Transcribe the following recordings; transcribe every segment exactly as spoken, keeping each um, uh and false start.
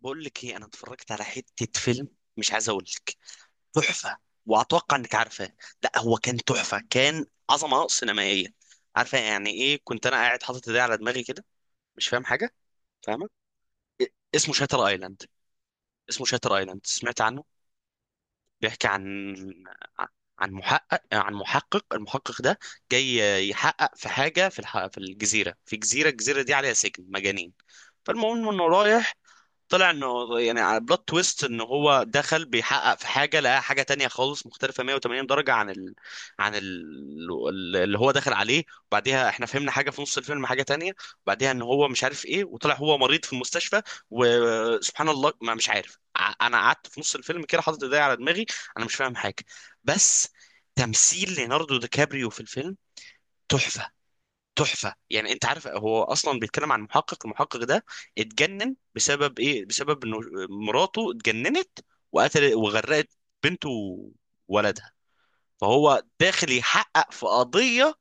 بقول لك ايه، انا اتفرجت على حتة فيلم. مش عايز اقول لك. تحفة، واتوقع انك عارفاه. لا هو كان تحفة، كان عظمة سينمائية. عارفة يعني ايه، كنت انا قاعد حاطط ايدي على دماغي كده مش فاهم حاجة. فاهمة؟ إيه- اسمه شاتر ايلاند. اسمه شاتر ايلاند، سمعت عنه؟ بيحكي عن عن محقق عن محقق المحقق ده جاي يحقق في حاجة في الح... في الجزيرة، في جزيرة الجزيرة دي عليها سجن مجانين. فالمهم انه رايح. طلع انه يعني على بلوت تويست، ان هو دخل بيحقق في حاجه لقى حاجه تانية خالص مختلفه مية وتمانين درجه عن ال... عن ال... اللي هو دخل عليه. وبعديها احنا فهمنا حاجه في نص الفيلم حاجه تانية، وبعديها ان هو مش عارف ايه، وطلع هو مريض في المستشفى. وسبحان الله، ما مش عارف ع- انا قعدت في نص الفيلم كده حاطط ايدي على دماغي، انا مش فاهم حاجه. بس تمثيل ليوناردو دي كابريو في الفيلم تحفه. تحفه، يعني انت عارف هو اصلا بيتكلم عن محقق المحقق ده اتجنن بسبب ايه؟ بسبب انه مراته اتجننت، وقتل وغرقت بنته وولدها. فهو داخل يحقق في قضيه،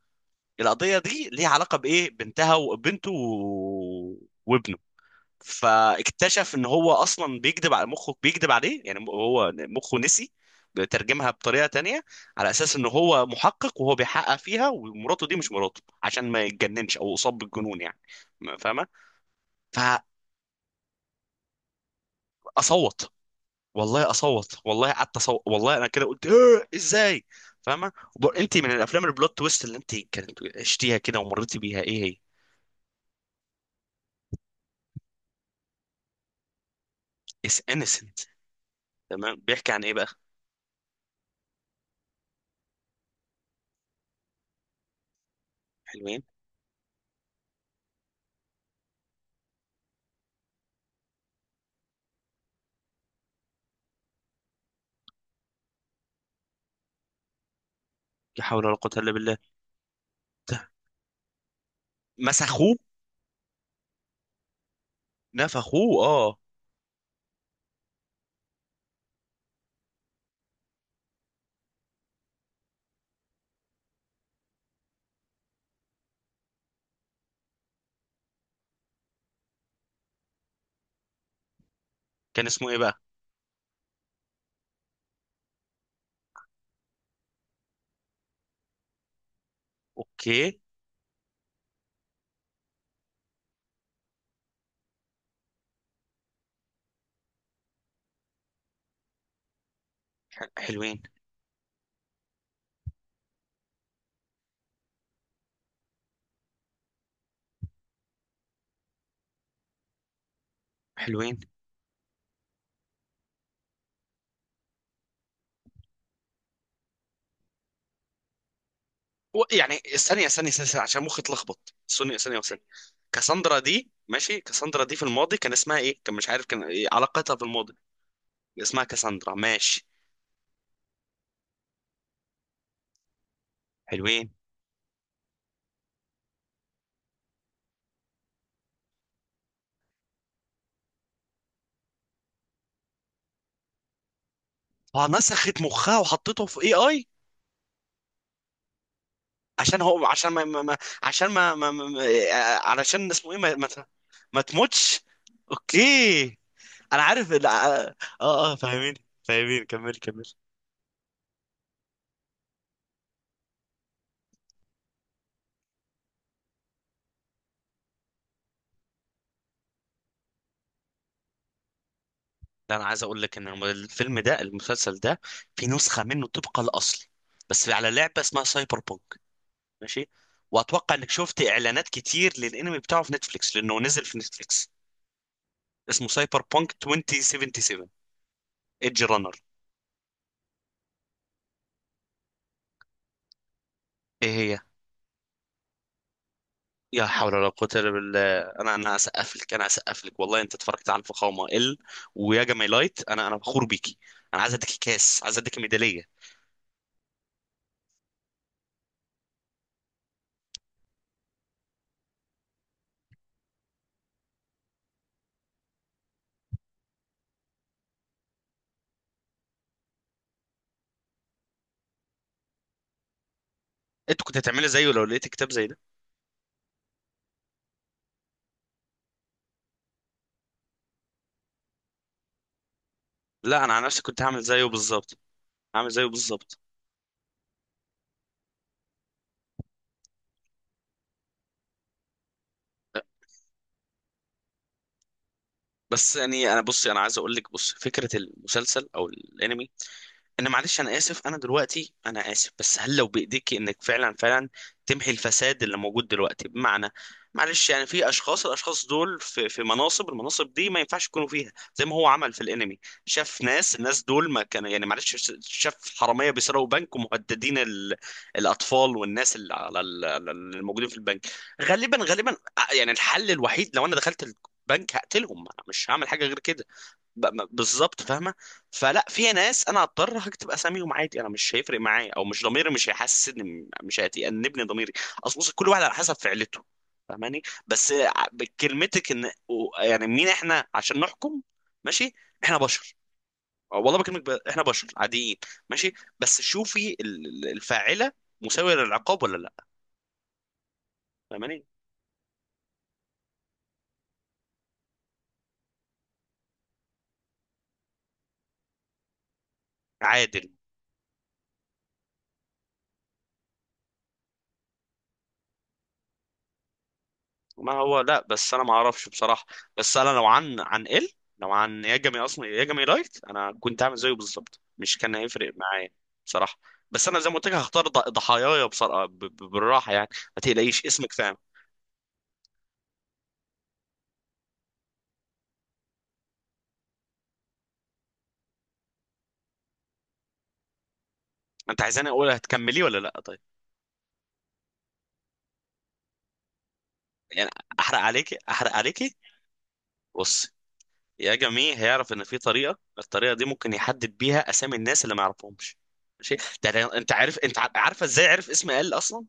القضيه دي ليها علاقه بايه؟ بنتها وبنته و- وابنه. فاكتشف ان هو اصلا بيكذب على مخه، بيكذب عليه، يعني هو مخه نسي، بيترجمها بطريقه تانية على اساس ان هو محقق وهو بيحقق فيها، ومراته دي مش مراته، عشان ما يتجننش او يصاب بالجنون يعني. ما- فاهمه؟ فاصوت. والله اصوت، والله قعدت اصوت. والله انا كده قلت: "إيه، ازاي؟" فاهمه؟ وب- انت من الافلام البلوت تويست اللي انت كانت عشتيها كده ومريتي بيها ايه هي؟ اس انسنت؟ تمام، بيحكي عن ايه بقى؟ حلوين. لا حول ولا قوه الا بالله. مسخوه. نفخوه، اه. كان اسمه ايه بقى؟ اوكي. حلوين. حلوين. و- يعني ثانيه ثانيه ثانيه ثانية، عشان مخي اتلخبط. ثانيه ثانيه وثانيه. كاساندرا دي ماشي، كاساندرا دي في الماضي كان اسمها ايه؟ كان مش عارف كان إيه علاقتها في الماضي. اسمها كاساندرا، ماشي. حلوين. فنسخت مخها وحطته في اي اي. عشان هو، عشان ما, ما ما- عشان ما, ما, ما ما- آه، علشان اسمه ايه ما, ما, ما تموتش. اوكي. انا عارف ال- اه اه آه، فاهمين. فاهمين، كمل كمل. ده انا عايز اقول لك ان الفيلم ده، المسلسل ده، في نسخه منه طبق الاصل، بس على لعبه اسمها سايبر بونك، ماشي. واتوقع انك شفت اعلانات كتير للانمي بتاعه في نتفليكس، لانه نزل في نتفليكس. اسمه سايبر بونك ألفين وسبعة وسبعين ايدج رانر. ايه هي؟ يا حول ولا قوه الا بالله. انا انا هسقف لك. انا هسقف لك والله، انت اتفرجت على الفخامه. ال ويا جميلايت، انا انا فخور بيكي. انا عايز اديكي كاس، عايز اديكي ميداليه. انت كنت هتعملي زيه لو لقيت كتاب زي ده؟ لا انا على نفسي كنت هعمل زيه بالظبط. هعمل زيه بالظبط. بس يعني انا، بصي، انا عايز اقول لك، بص، فكره المسلسل او الانمي. انا معلش، انا اسف، انا دلوقتي انا اسف، بس هل لو بايديك انك فعلا فعلا تمحي الفساد اللي موجود دلوقتي؟ بمعنى، معلش، يعني في اشخاص، الاشخاص دول في في مناصب، المناصب دي ما ينفعش يكونوا فيها، زي ما هو عمل في الانمي. شاف ناس، الناس دول ما كانوا، يعني معلش، شاف حرامية بيسرقوا بنك ومهددين ال- الاطفال والناس اللي على ال- على ال- الموجودين في البنك. غالبا غالبا يعني الحل الوحيد لو انا دخلت البنك هقتلهم، انا مش هعمل حاجة غير كده. ب- ب- بالظبط، فاهمه؟ فلا، في ناس انا هضطر هكتب اساميهم عادي، انا مش هيفرق معايا، او مش ضميري، مش هيحسسني، مش هيأنبني ضميري. اصل بص، كل واحد على حسب فعلته. فاهماني؟ بس ع- بكلمتك ان، و- يعني مين احنا عشان نحكم؟ ماشي، احنا بشر. والله بكلمك ب... احنا بشر عاديين. ماشي، بس شوفي ال- ال- الفاعله مساويه للعقاب ولا لا؟ فاهماني؟ عادل. ما هو، لا، بس انا ما اعرفش بصراحه. بس انا لو عن عن ال لو عن ياجامي، اصلا ياجامي لايت انا كنت عامل زيه بالظبط، مش كان هيفرق معايا بصراحه. بس انا زي ما قلت لك، هختار ض- ضحاياي بصراحه ب- ب- بالراحه يعني. ما تقلقيش اسمك، فاهم؟ انت عايزاني اقول هتكملي ولا لا؟ طيب. يعني احرق عليكي، احرق عليكي. بص، ياجامي هيعرف ان في طريقه، الطريقه دي ممكن يحدد بيها اسامي الناس اللي ما يعرفهمش. ماشي، ده ده- انت عارف، انت عارفه ازاي عرف اسم ال اصلا؟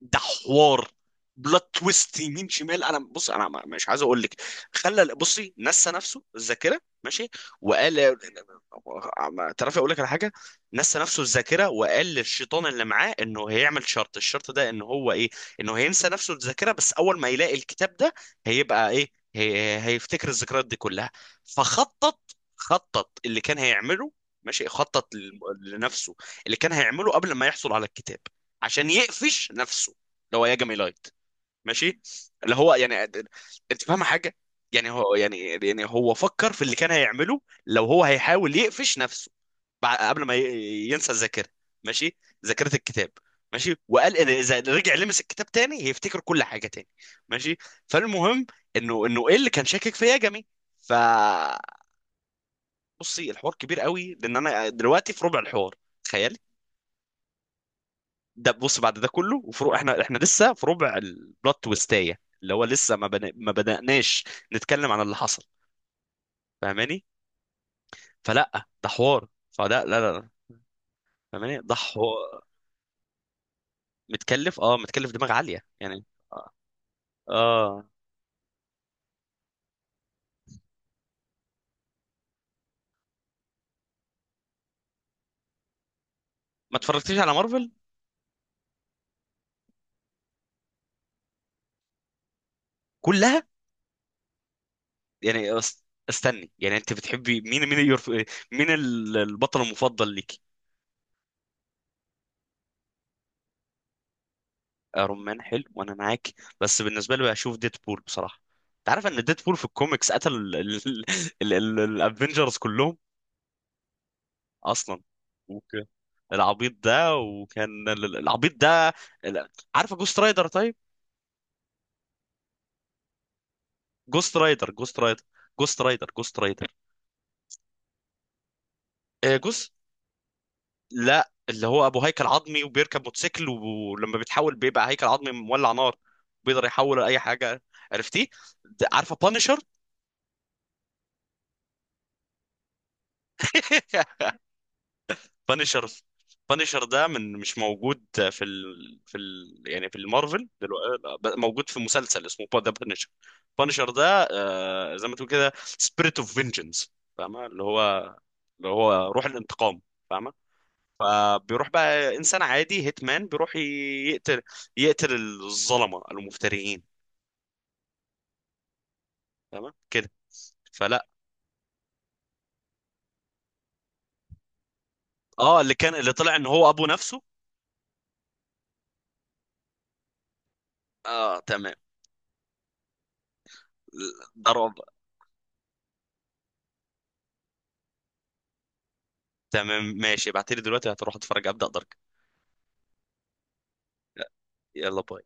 ده حوار، بلوت تويست يمين شمال. انا بص، انا ما- مش عايز اقول لك. خلى، بصي، نسى نفسه الذاكره. ماشي، وقال، ما تعرف اقول لك على حاجه. نسى نفسه الذاكره وقال للشيطان اللي معاه انه هيعمل شرط. الشرط ده ان هو ايه؟ انه هينسى نفسه الذاكره، بس اول ما يلاقي الكتاب ده هيبقى ايه؟ هي... هيفتكر الذكريات دي كلها. فخطط، خطط اللي كان هيعمله. ماشي، خطط لم- لنفسه اللي كان هيعمله قبل ما يحصل على الكتاب، عشان يقفش نفسه، اللي هو ياجامي لايت. ماشي، اللي هو يعني، انت فاهمه حاجه؟ يعني هو، يعني يعني هو فكر في اللي كان هيعمله لو هو هيحاول يقفش نفسه بعد، قبل ما ي- ينسى الذاكره. ماشي، ذاكره الكتاب. ماشي، وقال ان اذا رجع لمس الكتاب تاني هيفتكر كل حاجه تاني. ماشي، فالمهم انه انه ايه اللي كان شاكك في ياجامي؟ ف، بصي الحوار كبير قوي لان انا دلوقتي في ربع الحوار، تخيل. ده بص، بعد ده كله وفروع، احنا احنا لسه في ربع البلوت تويستايه، اللي هو لسه ما بنا... ما بدأناش نتكلم عن اللي حصل. فاهماني؟ فلا ده حوار. فلا، لا لا لا. فاهماني؟ ده حوار. متكلف، اه، متكلف دماغ عالية يعني. اه، آه. ما اتفرجتيش على مارفل كلها؟ يعني است- استني، يعني انت بتحبي مين؟ مين يور... مين ال- البطل المفضل ليك؟ ايرون مان، حلو وانا معاك. بس بالنسبه لي بشوف ديدبول بصراحه. انت عارف ان ديدبول في الكوميكس قتل الافنجرز كلهم اصلا؟ اوكي. العبيط ده، وكان ال- ال- العبيط ده ال- عارفه جوست رايدر طيب؟ جوست رايدر، جوست رايدر، جوست رايدر، جوست رايدر. آه، جوست لا اللي هو ابو هيكل عظمي وبيركب موتوسيكل، ولما بيتحول بيبقى هيكل عظمي مولع نار، بيقدر يحول اي حاجه. عرفتيه؟ ده- عارفه بانشر؟ بانشر. بانشر ده من مش موجود في ال... في ال... يعني في المارفل دلوقتي، موجود في مسلسل اسمه ذا بانشر. بانشر ده آه، زي ما تقول كده سبيريت اوف فينجنس، فاهمه؟ اللي هو، اللي هو روح الانتقام. فاهمه؟ فبيروح بقى، انسان عادي هيتمان بيروح ي- يقتل، يقتل الظلمه المفتريين. تمام كده؟ فلا. اه، اللي كان اللي طلع ان هو ابو نفسه. اه تمام. ضرب. تمام، ماشي، ابعتلي دلوقتي، هتروح اتفرج ابدا درك. يلا باي.